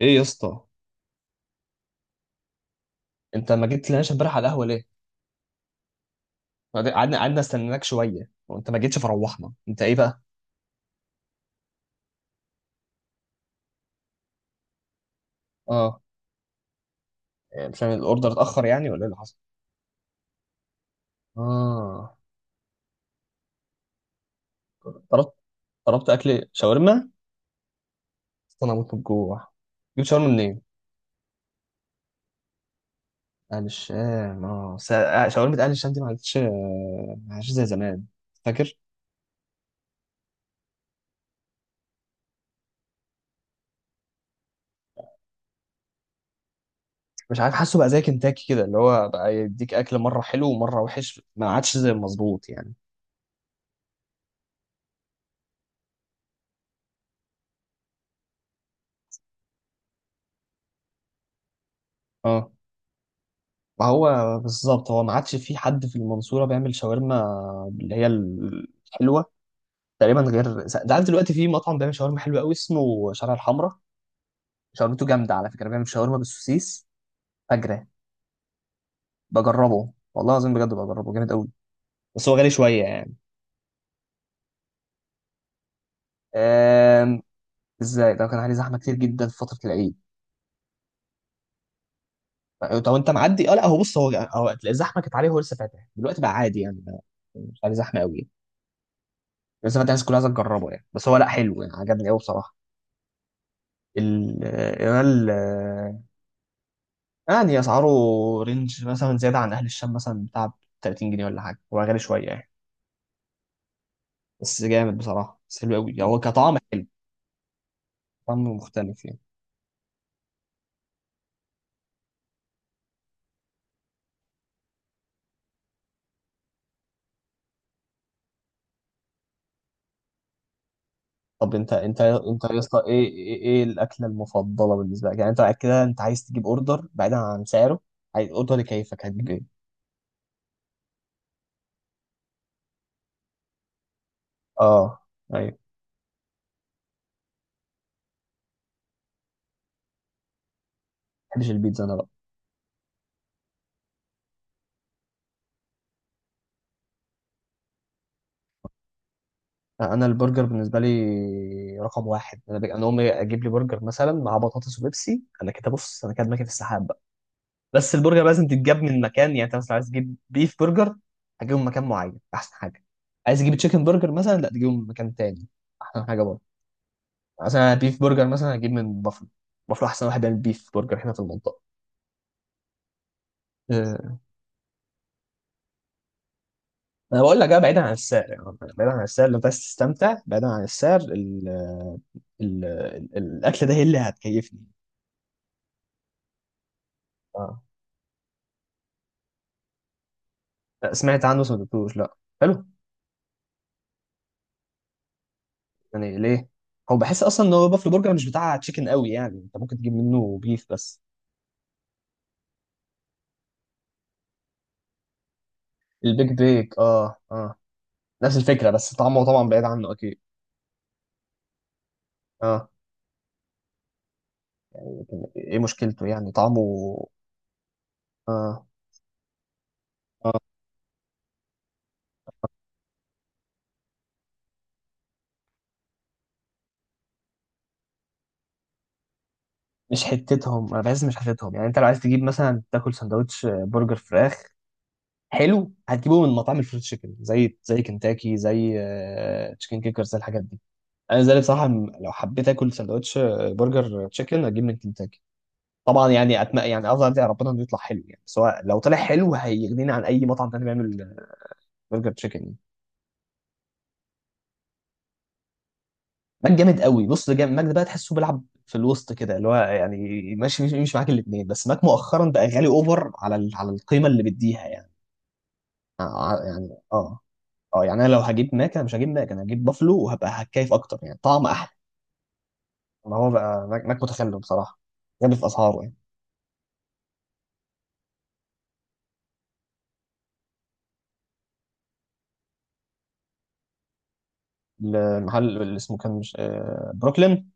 ايه يا اسطى، انت ما جيتلناش امبارح على القهوه ليه؟ قعدنا قعدنا استناك شويه وانت ما جيتش فروحنا. انت ايه بقى؟ اه. مش عارف الاوردر اتاخر يعني ولا ايه اللي حصل؟ اه. طلبت طلبت اكل شاورما. اصل انا هموت من الجوع. جبت شاورما منين؟ اهل الشام اه شاورما اهل الشام دي ما عادتش، ما عادتش زي زمان. فاكر؟ مش عارف، حاسه بقى زي كنتاكي كده اللي هو بقى يديك اكل مره حلو ومره وحش، ما عادش زي المظبوط يعني. اه. ما هو بالظبط، هو ما عادش في حد في المنصورة بيعمل شاورما اللي هي الحلوة. تقريبا غير ده. عارف دلوقتي في مطعم بيعمل شاورما حلوة قوي اسمه شارع الحمراء. شاورمته جامدة على فكرة، بيعمل شاورما بالسوسيس فجرة. بجربه والله العظيم، بجد بجربه جامد قوي. بس هو غالي شوية يعني. أم... ازاي ده كان عليه زحمة كتير جدا في فترة العيد. طب انت معدي، اه لا هو بص، هو هو هتلاقي الزحمة كانت عليه، هو لسه فاتح دلوقتي بقى عادي يعني مش عليه زحمة قوي. لسه فاتح، الناس كلها عايزة تجربه يعني، بس هو لا حلو يعني، عجبني قوي بصراحة. الريال. يعني اسعاره رينج مثلا زياده عن اهل الشام مثلا بتاع 30 جنيه ولا حاجه، هو غالي شويه يعني. بس جامد بصراحه، بس حلو قوي يعني، هو كطعم حلو. طعم مختلف يعني. طب انت يا اسطى، ايه ايه إيه الاكله المفضله بالنسبه لك يعني؟ انت بعد كده انت عايز تجيب اوردر بعيدا عن سعره، عايز اوردر يكيفك، هتجيب ايه؟ اه ايوه ما. بحبش البيتزا انا بقى. انا البرجر بالنسبه لي رقم واحد. انا انا امي اجيب لي برجر مثلا مع بطاطس وبيبسي، انا كده بص، انا كده ماشي في السحاب. بس البرجر لازم تتجاب من مكان، يعني انت مثلا عايز تجيب بيف برجر هتجيبه من مكان معين احسن حاجه. عايز تجيب تشيكن برجر مثلا، لا تجيبه من مكان تاني احسن حاجه برضه. مثلا بيف برجر مثلا هجيب من بافلو. بافلو احسن واحد بيعمل بيف برجر هنا في المنطقه. أه، انا بقول لك بقى بعيدا عن السعر يعني. بعيدا عن السعر، لو انت عايز تستمتع بعيدا عن السعر، ال الاكل ده هي اللي هتكيفني. اه لا، سمعت عنه بس ما دقتوش لا. حلو؟ يعني ليه؟ هو بحس اصلا ان هو بافلو برجر مش بتاع تشيكن قوي يعني، انت ممكن تجيب منه بيف بس. البيج بيك اه اه. نفس الفكرة بس طعمه طبعا بعيد عنه أكيد. اه. لكن ايه مشكلته يعني، طعمه؟ اه اه. مش حتتهم، انا بحس مش حتتهم يعني. انت لو عايز تجيب مثلا تاكل سندوتش برجر فراخ حلو، هتجيبه من مطاعم الفريد تشيكن، زي كنتاكي، زي تشيكن كيكر، زي الحاجات دي. انا زي بصراحه لو حبيت اكل سندوتش، برجر تشيكن هجيب من كنتاكي طبعا يعني. يعني افضل ادعي ربنا انه يطلع حلو يعني، سواء لو طلع حلو هيغنيني عن اي مطعم تاني بيعمل برجر تشيكن يعني. ماك جامد قوي بص، جامد. ماك ده بقى تحسه بيلعب في الوسط كده اللي هو يعني ماشي، مش معاك الاثنين. بس ماك مؤخرا بقى غالي اوفر على على القيمه اللي بيديها يعني. آه، يعني اه. اه يعني، انا لو هجيب ماك انا مش هجيب ماك، انا هجيب بافلو وهبقى هتكيف اكتر يعني، طعم احلى. ما هو بقى ماك متخلف بصراحه، غالي في اسعاره يعني. المحل اللي اسمه كان مش بروكلين؟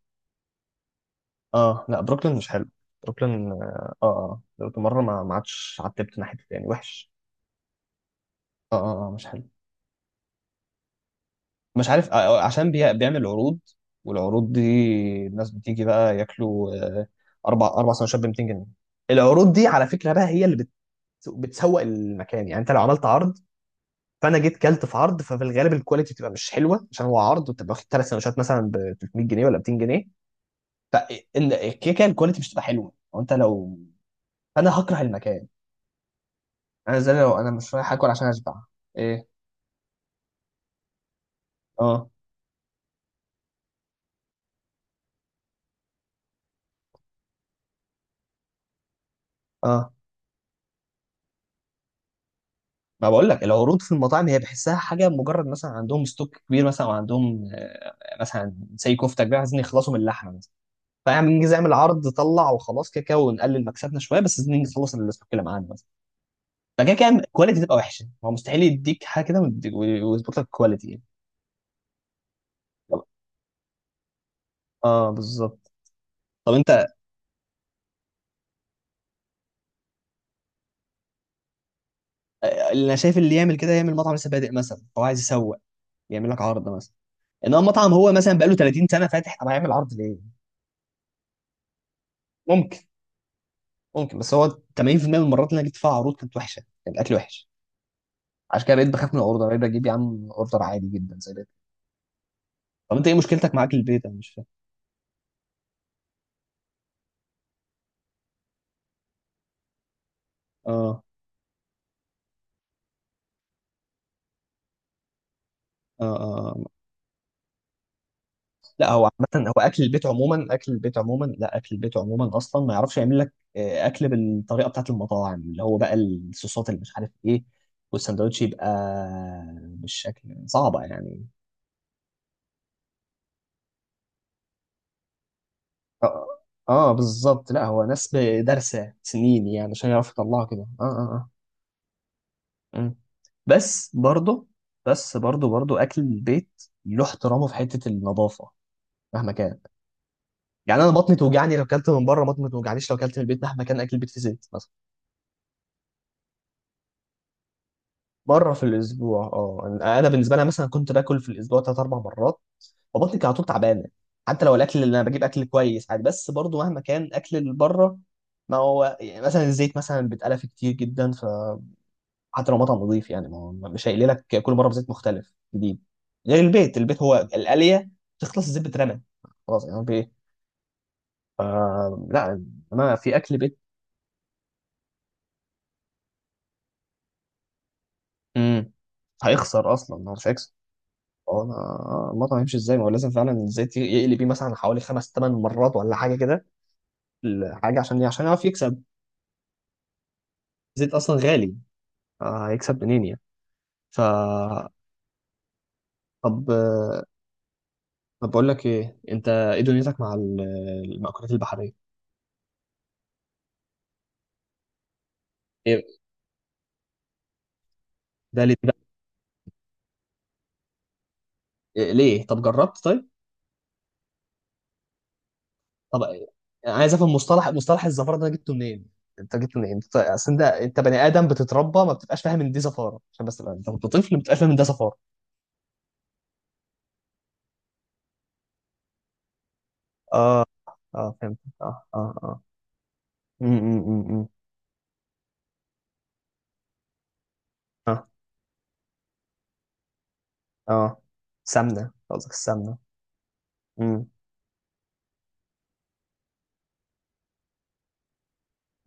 اه لا، بروكلين مش حلو. بروكلين اه اه دلوقتي مره ما ما عادش عتبت ناحيته يعني، وحش. اه اه مش حلو. مش عارف، عشان بيعمل عروض، والعروض دي الناس بتيجي بقى ياكلوا. آه، اربع سندوتشات ب 200 جنيه. العروض دي على فكره بقى هي اللي بتسوق المكان. يعني انت لو عملت عرض، فانا جيت كلت في عرض، ففي الغالب الكواليتي بتبقى مش حلوه عشان هو عرض، وتبقى واخد ثلاث سندوتشات مثلا ب 300 جنيه ولا 200 جنيه، فالكيكه الكواليتي مش هتبقى حلوه. وانت لو فانا هكره المكان. انا زي لو انا مش رايح اكل عشان اشبع. ايه؟ اه اه. ما بقول لك العروض في المطاعم هي بحسها حاجه، مجرد مثلا عندهم ستوك كبير مثلا، وعندهم مثلا زي كفته كبيره عايزين يخلصوا من اللحمه مثلا، فاعمل. نجي اعمل عرض طلع وخلاص، كده كده ونقلل مكسبنا شويه بس عايزين نيجي نخلص الستوك اللي معانا مثلا. فكده كده الكواليتي تبقى وحشه، هو مستحيل يديك حاجه كده ويظبط لك الكواليتي يعني. طب- اه بالظبط. طب انت، اللي انا شايف اللي يعمل كده يعمل مطعم لسه بادئ مثلا هو عايز يسوق، يعمل لك عرض مثلا. انما مطعم هو مثلا بقاله 30 سنه فاتح، طب هيعمل عرض ليه؟ ممكن. ممكن، بس هو 80% من المرات اللي انا جيت فيها عروض كانت وحشه، كان الاكل وحش. عشان كده بقيت بخاف من الاوردر، بقيت بجيب يا عم اوردر عادي جدا زي ده. طب انت ايه مشكلتك مع اكل البيت؟ انا مش فاهم. اه اه اه. لا هو عامة، هو أكل البيت عموما، أكل البيت عموما، لا أكل البيت عموما أصلا ما يعرفش يعمل لك أكل بالطريقة بتاعت المطاعم اللي هو بقى الصوصات اللي مش عارف إيه، والساندوتش يبقى بالشكل صعبة يعني. اه, آه بالظبط. لا هو ناس دارسة سنين يعني عشان يعرفوا يطلعوا كده اه اه مم. بس برضه، بس برضه اكل البيت له احترامه في حته النظافه مهما كان. يعني انا بطني توجعني لو اكلت من بره، بطني ما توجعنيش لو اكلت من البيت مهما كان اكل البيت في زيت مثلا. مره في الاسبوع؟ اه انا، أنا بالنسبه لي مثلا كنت باكل في الاسبوع ثلاث اربع مرات، فبطني كانت على طول تعبانه. حتى لو الاكل اللي انا بجيب اكل كويس عادي، بس برضه مهما كان اكل اللي بره. ما هو يعني مثلا الزيت مثلا بيتقلى فيه كتير جدا، حتى لو مطعم نظيف يعني، ما هو مش هيقلي لك كل مره بزيت مختلف جديد. غير البيت، البيت هو القليه تخلص الزيت بترمى خلاص، يعني في ايه؟ آه لا، انا في اكل بيت. امم. هيخسر اصلا، هو مش هيكسب. هو انا، المطعم يمشي ازاي، ما هو لازم فعلا الزيت يقلي بيه مثلا حوالي خمس ثمان مرات ولا حاجه كده. الحاجه عشان يعرف يكسب، الزيت اصلا غالي، آه هيكسب منين يعني. ف. طب، طب بقول لك ايه، انت ايه دنيتك مع المأكولات البحريه؟ إيه؟ ده ليه؟ ليه؟ طب جربت طيب؟ طب إيه؟ أنا عايز افهم مصطلح الزفاره ده، أنا جبته منين، انت جبته منين. انت اصل انت بني ادم بتتربى ما بتبقاش فاهم ان دي زفاره عشان بس تبقى- انت كنت طفل ما بتبقاش فاهم ان ده زفاره. اه اه فهمت اه اه اه. امم. امم. اه اه سمنه، قصدك السمنه. امم.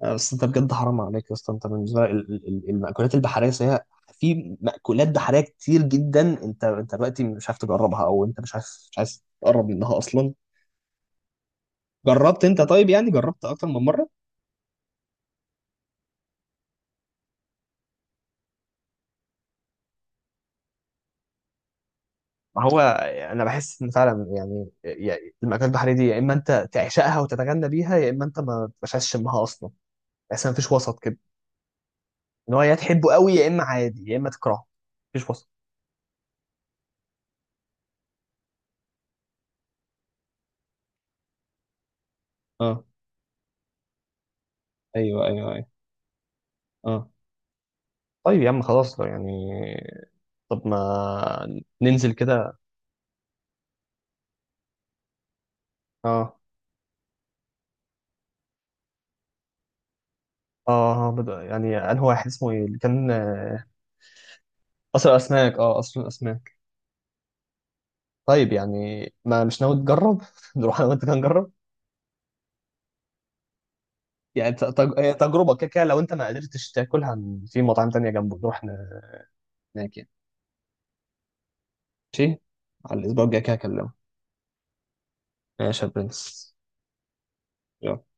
بس انت بجد حرام عليك يا اسطى. انت بالنسبه لك المأكولات البحريه هي، في مأكولات بحريه كتير جدا، انت انت دلوقتي مش عارف تجربها او انت مش عارف مش عايز تقرب منها اصلا؟ جربت انت طيب، يعني جربت اكتر من مره؟ ما هو انا بحس ان فعلا يعني، يعني المأكولات البحريه دي يا اما انت تعشقها وتتغنى بيها يا اما انت ما تبقاش شمها اصلا، بس ما فيش وسط كده. ان هو يا تحبه قوي يا اما عادي يا اما تكرهه، مفيش وسط. اه ايوه ايوه ايوه. اه طيب يا عم خلاص يعني. طب ما ننزل كده. اه. اه بدأ، يعني انه واحد اسمه ايه اللي كان قصر الاسماك اه اصل الاسماك. طيب يعني، ما مش ناوي تجرب نروح انا وانت كده نجرب. يعني هي تجربه كده كده. لو انت ما قدرتش تاكلها في مطاعم تانية جنبه نروح هناك يعني. ماشي، على الاسبوع الجاي كده اكلمك. ماشي يا برنس يلا.